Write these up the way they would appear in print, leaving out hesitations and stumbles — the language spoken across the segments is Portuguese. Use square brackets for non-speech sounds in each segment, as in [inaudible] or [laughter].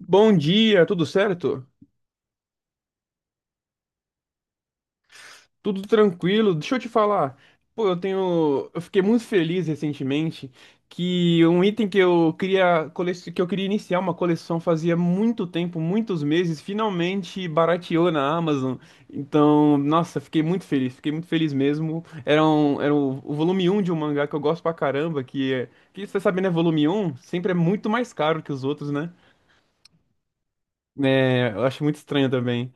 Bom dia, tudo certo? Tudo tranquilo? Deixa eu te falar. Pô, eu fiquei muito feliz recentemente que um item que eu queria iniciar uma coleção fazia muito tempo, muitos meses, finalmente barateou na Amazon. Então, nossa, fiquei muito feliz mesmo. Era o volume um de um mangá que eu gosto pra caramba, que você sabe, né, volume um sempre é muito mais caro que os outros, né? É, eu acho muito estranho também.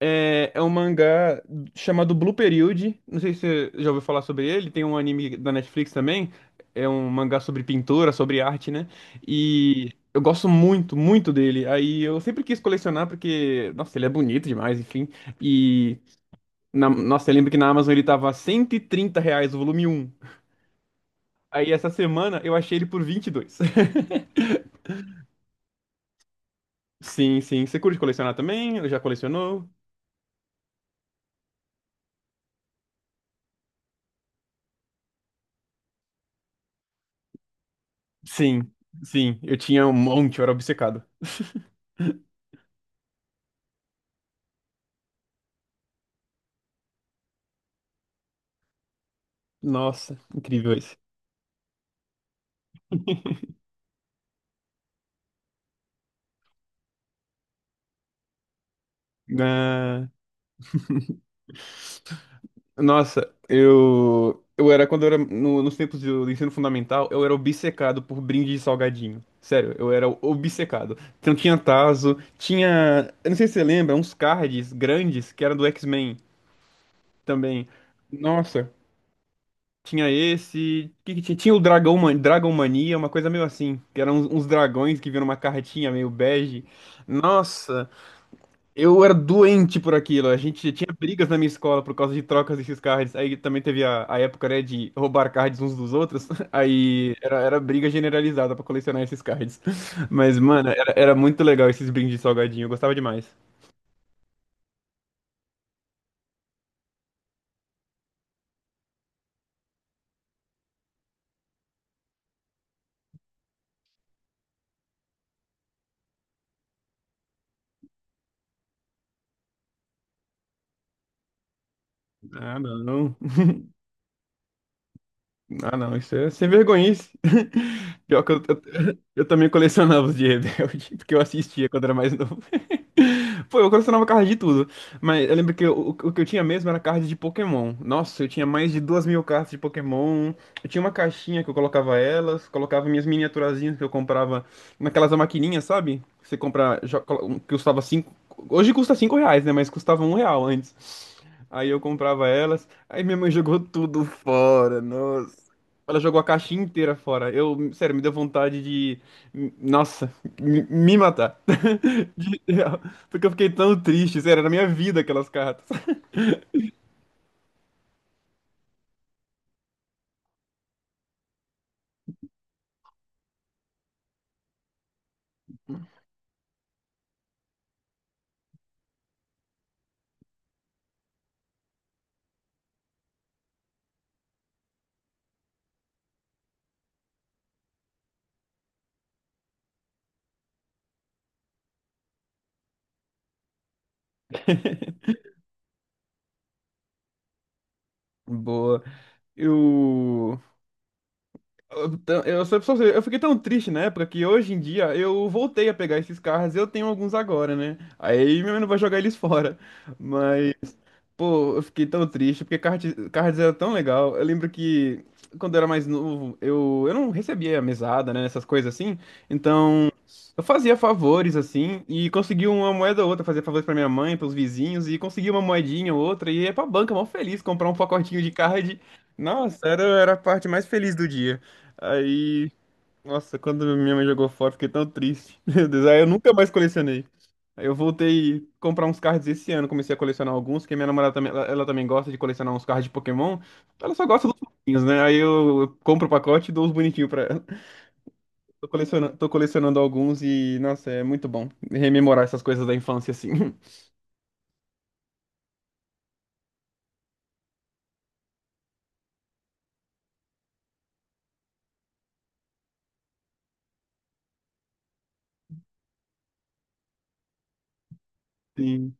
É um mangá chamado Blue Period. Não sei se você já ouviu falar sobre ele. Tem um anime da Netflix também. É um mangá sobre pintura, sobre arte, né? E eu gosto muito, muito dele. Aí eu sempre quis colecionar porque, nossa, ele é bonito demais, enfim. E, nossa, eu lembro que na Amazon ele tava R$ 130 o volume um? Aí essa semana eu achei ele por 22. [laughs] Sim, sim. Você curte colecionar também? Ou já colecionou? Sim, sim. Eu tinha um monte, eu era obcecado. Nossa, incrível isso. Ah, nossa, eu era quando eu era nos tempos do ensino fundamental, eu era obcecado por brinde de salgadinho. Sério, eu era obcecado. Então tinha tazo, tinha, eu não sei se você lembra, uns cards grandes que eram do X-Men também. Nossa, tinha esse, que tinha? Tinha o Dragão, Dragon Mania, uma coisa meio assim, que eram uns dragões que vinham uma cartinha meio bege. Nossa, eu era doente por aquilo. A gente tinha brigas na minha escola por causa de trocas desses cards. Aí também teve a época, né, de roubar cards uns dos outros. [laughs] Aí era, era briga generalizada pra colecionar esses cards. [laughs] Mas, mano, era, era muito legal esses brindes de salgadinho. Eu gostava demais. Ah, não. [laughs] Ah, não, isso é sem vergonhice. [laughs] Pior que eu também colecionava os de Rebelde, [laughs] porque eu assistia quando era mais novo. [laughs] Pô, eu colecionava cards de tudo. Mas eu lembro que eu- o que eu tinha mesmo era card de Pokémon. Nossa, eu tinha mais de 2 mil cartas de Pokémon. Eu tinha uma caixinha que eu colocava elas, colocava minhas miniaturazinhas que eu comprava naquelas maquininhas, sabe? Que você compra, jo- colo- um que custava cinco. Hoje custa cinco reais, né? Mas custava um real antes. Aí eu comprava elas. Aí minha mãe jogou tudo fora, nossa. Ela jogou a caixinha inteira fora. Eu, sério, me deu vontade de, nossa, me matar. [laughs] De- porque eu fiquei tão triste, sério, era na minha vida aquelas cartas. [laughs] Boa. Eu, eu, tã- eu, só- só- eu fiquei tão triste na época que hoje em dia eu voltei a pegar esses carros. Eu tenho alguns agora, né? Aí minha mãe não vai jogar eles fora. Pô, eu fiquei tão triste, porque Cards Cards era tão legal. Eu lembro que quando eu era mais novo, eu não recebia mesada, né? Essas coisas assim. Então, eu fazia favores, assim, e conseguia uma moeda ou outra, fazia favores pra minha mãe, pros vizinhos, e conseguia uma moedinha ou outra, e ia pra banca, mó feliz, comprar um pacotinho de card. Nossa, era, era a parte mais feliz do dia. Aí, nossa, quando minha mãe jogou fora, eu fiquei tão triste. [laughs] Meu Deus, aí eu nunca mais colecionei. Aí eu voltei a comprar uns cards esse ano, comecei a colecionar alguns, porque minha namorada também, ela também gosta de colecionar uns cards de Pokémon. Ela só gosta dos bonitinhos, né? Aí eu compro o pacote e dou os bonitinhos pra ela. [laughs] Tô colecionando alguns e, nossa, é muito bom rememorar essas coisas da infância, assim. [laughs] Sim,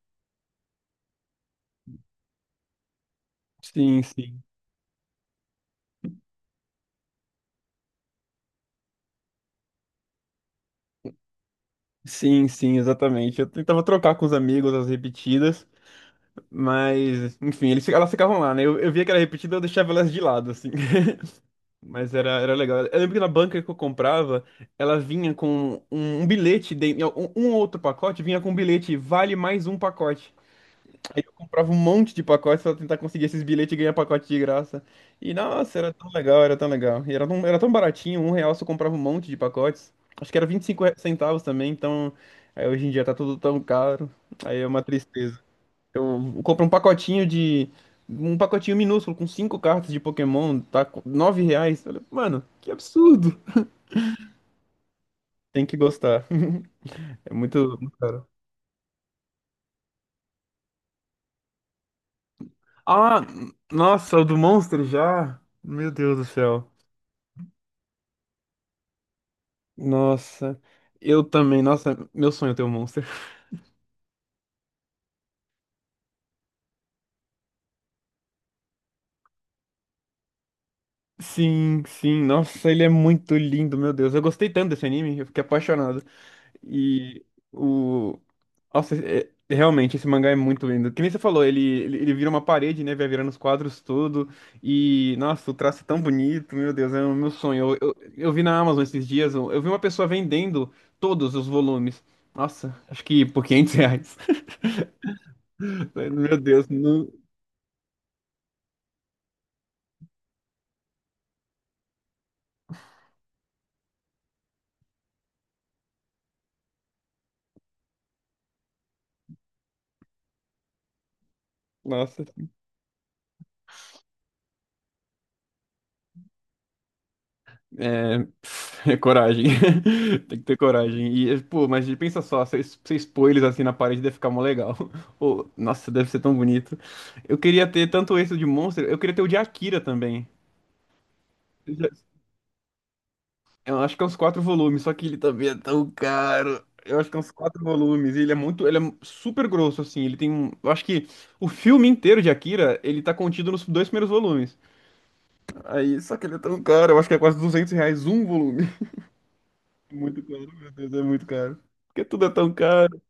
sim, sim. Sim, sim, exatamente. Eu tentava trocar com os amigos as repetidas, mas, enfim, elas ficavam lá, né? Eu via que era repetida, eu deixava elas de lado, assim. [laughs] Mas era, era legal. Eu lembro que na banca que eu comprava, ela vinha com um bilhete, de, um outro pacote vinha com um bilhete, vale mais um pacote. Aí eu comprava um monte de pacotes pra tentar conseguir esses bilhetes e ganhar pacote de graça. E nossa, era tão legal, era tão legal. E era tão baratinho, um real você comprava um monte de pacotes. Acho que era 25 centavos também, então aí hoje em dia tá tudo tão caro. Aí é uma tristeza. Eu compro um pacotinho de. Um pacotinho minúsculo com cinco cartas de Pokémon, tá? Com R$ 9. Eu falei, mano, que absurdo! Tem que gostar. [laughs] É muito, muito caro. Ah, nossa, o do Monster já? Meu Deus do céu. Nossa, eu também. Nossa, meu sonho é ter um Monster. [laughs] Sim, sim. Nossa, ele é muito lindo, meu Deus. Eu gostei tanto desse anime, eu fiquei apaixonado. E o. Nossa, é- é- realmente, esse mangá é muito lindo. Que nem você falou, ele vira uma parede, né? Vai virando os quadros tudo. E, nossa, o traço é tão bonito, meu Deus, é o meu sonho. Eu vi na Amazon esses dias, eu vi uma pessoa vendendo todos os volumes. Nossa, acho que por R$ 500. [laughs] Meu Deus, não. Nossa. É, [laughs] é coragem. [laughs] Tem que ter coragem. E, é, pô, mas pensa só, você es- você expor eles assim na parede deve ficar mó legal. [laughs] Pô, nossa, deve ser tão bonito. Eu queria ter tanto esse de Monster, eu queria ter o de Akira também. Eu já- eu acho que é uns quatro volumes, só que ele também é tão caro. Eu acho que é uns quatro volumes. E ele é muito. Ele é super grosso, assim. Ele tem um. Eu acho que o filme inteiro de Akira, ele tá contido nos dois primeiros volumes. Aí, só que ele é tão caro, eu acho que é quase R$ 200 um volume. Muito caro, meu Deus, é muito caro. Porque tudo é tão caro.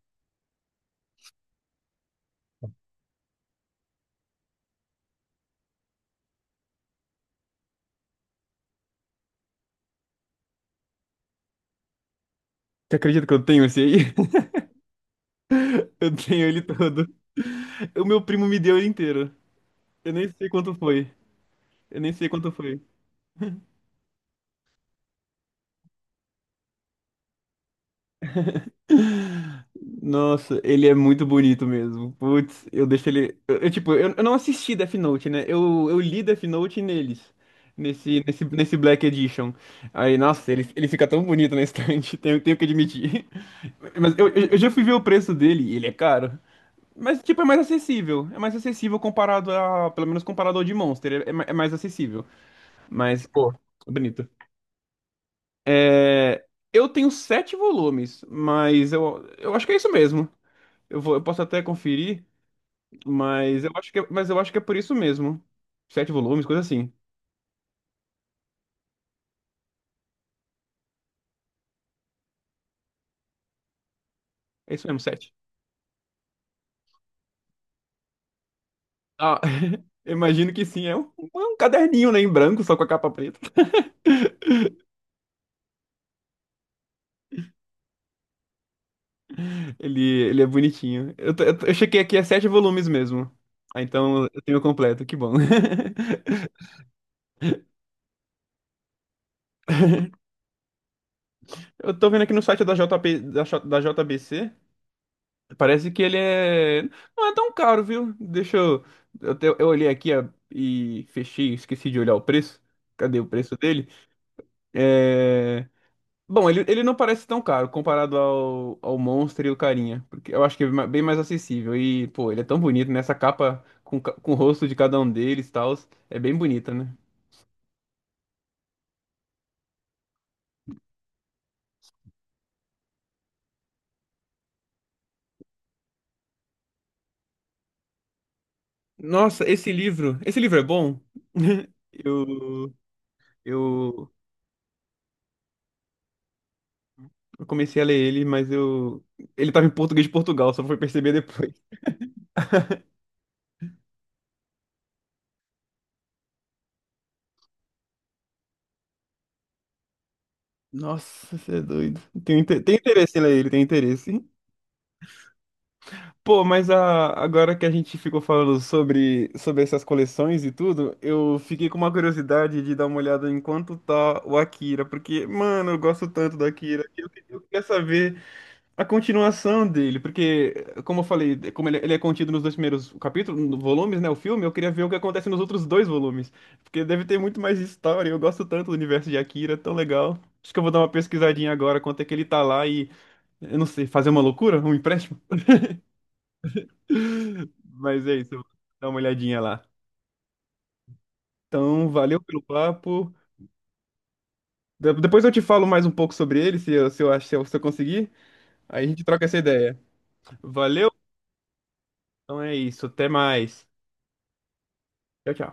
Você acredita que eu tenho esse aí? [laughs] Eu tenho ele todo. O meu primo me deu ele inteiro. Eu nem sei quanto foi. Eu nem sei quanto foi. Nossa, ele é muito bonito mesmo. Putz, eu deixo ele. Eu, tipo, eu não assisti Death Note, né? Eu li Death Note neles. Nesse Black Edition. Aí, nossa, ele fica tão bonito na estante, [laughs] tenho, tenho que admitir. Mas eu, eu já fui ver o preço dele e ele é caro. Mas, tipo, é mais acessível. É mais acessível comparado a. Pelo menos comparado ao de Monster. É, é mais acessível. Mas, pô, bonito. É, eu tenho sete volumes, mas eu acho que é isso mesmo. Eu vou, eu posso até conferir, mas eu acho que, mas eu acho que é por isso mesmo. Sete volumes, coisa assim. É isso mesmo, sete. Ah, [laughs] imagino que sim. É um caderninho, né, em branco, só com a capa preta. [laughs] Ele é bonitinho. Eu chequei aqui, é sete volumes mesmo. Ah, então eu tenho completo, que bom. [laughs] Eu tô vendo aqui no site da JP, da JBC. Parece que ele é. Não é tão caro, viu? Deixa eu. Eu olhei aqui ó, e fechei, esqueci de olhar o preço. Cadê o preço dele? É. Bom, ele não parece tão caro comparado ao Monster e o Carinha. Porque eu acho que é ma- bem mais acessível. E, pô, ele é tão bonito, né? Essa capa com o rosto de cada um deles e tal. É bem bonita, né? Nossa, esse livro. Esse livro é bom? [laughs] Eu, eu, eu comecei a ler ele, mas eu. Ele tava em português de Portugal, só fui perceber depois. Nossa, você é doido. Tem interesse em ler ele, tem interesse. Pô, mas a- agora que a gente ficou falando sobre essas coleções e tudo, eu fiquei com uma curiosidade de dar uma olhada em quanto tá o Akira, porque, mano, eu gosto tanto do Akira, que eu queria saber a continuação dele, porque, como eu falei, como ele é contido nos dois primeiros capítulos, volumes, né, o filme, eu queria ver o que acontece nos outros dois volumes, porque deve ter muito mais história, eu gosto tanto do universo de Akira, é tão legal. Acho que eu vou dar uma pesquisadinha agora, quanto é que ele tá lá e, eu não sei, fazer uma loucura, um empréstimo? Mas é isso, dá uma olhadinha lá. Então, valeu pelo papo. De- Depois eu te falo mais um pouco sobre ele, se eu, se eu, acho- se eu, se eu conseguir. Aí a gente troca essa ideia. Valeu? Então é isso, até mais. Tchau, tchau.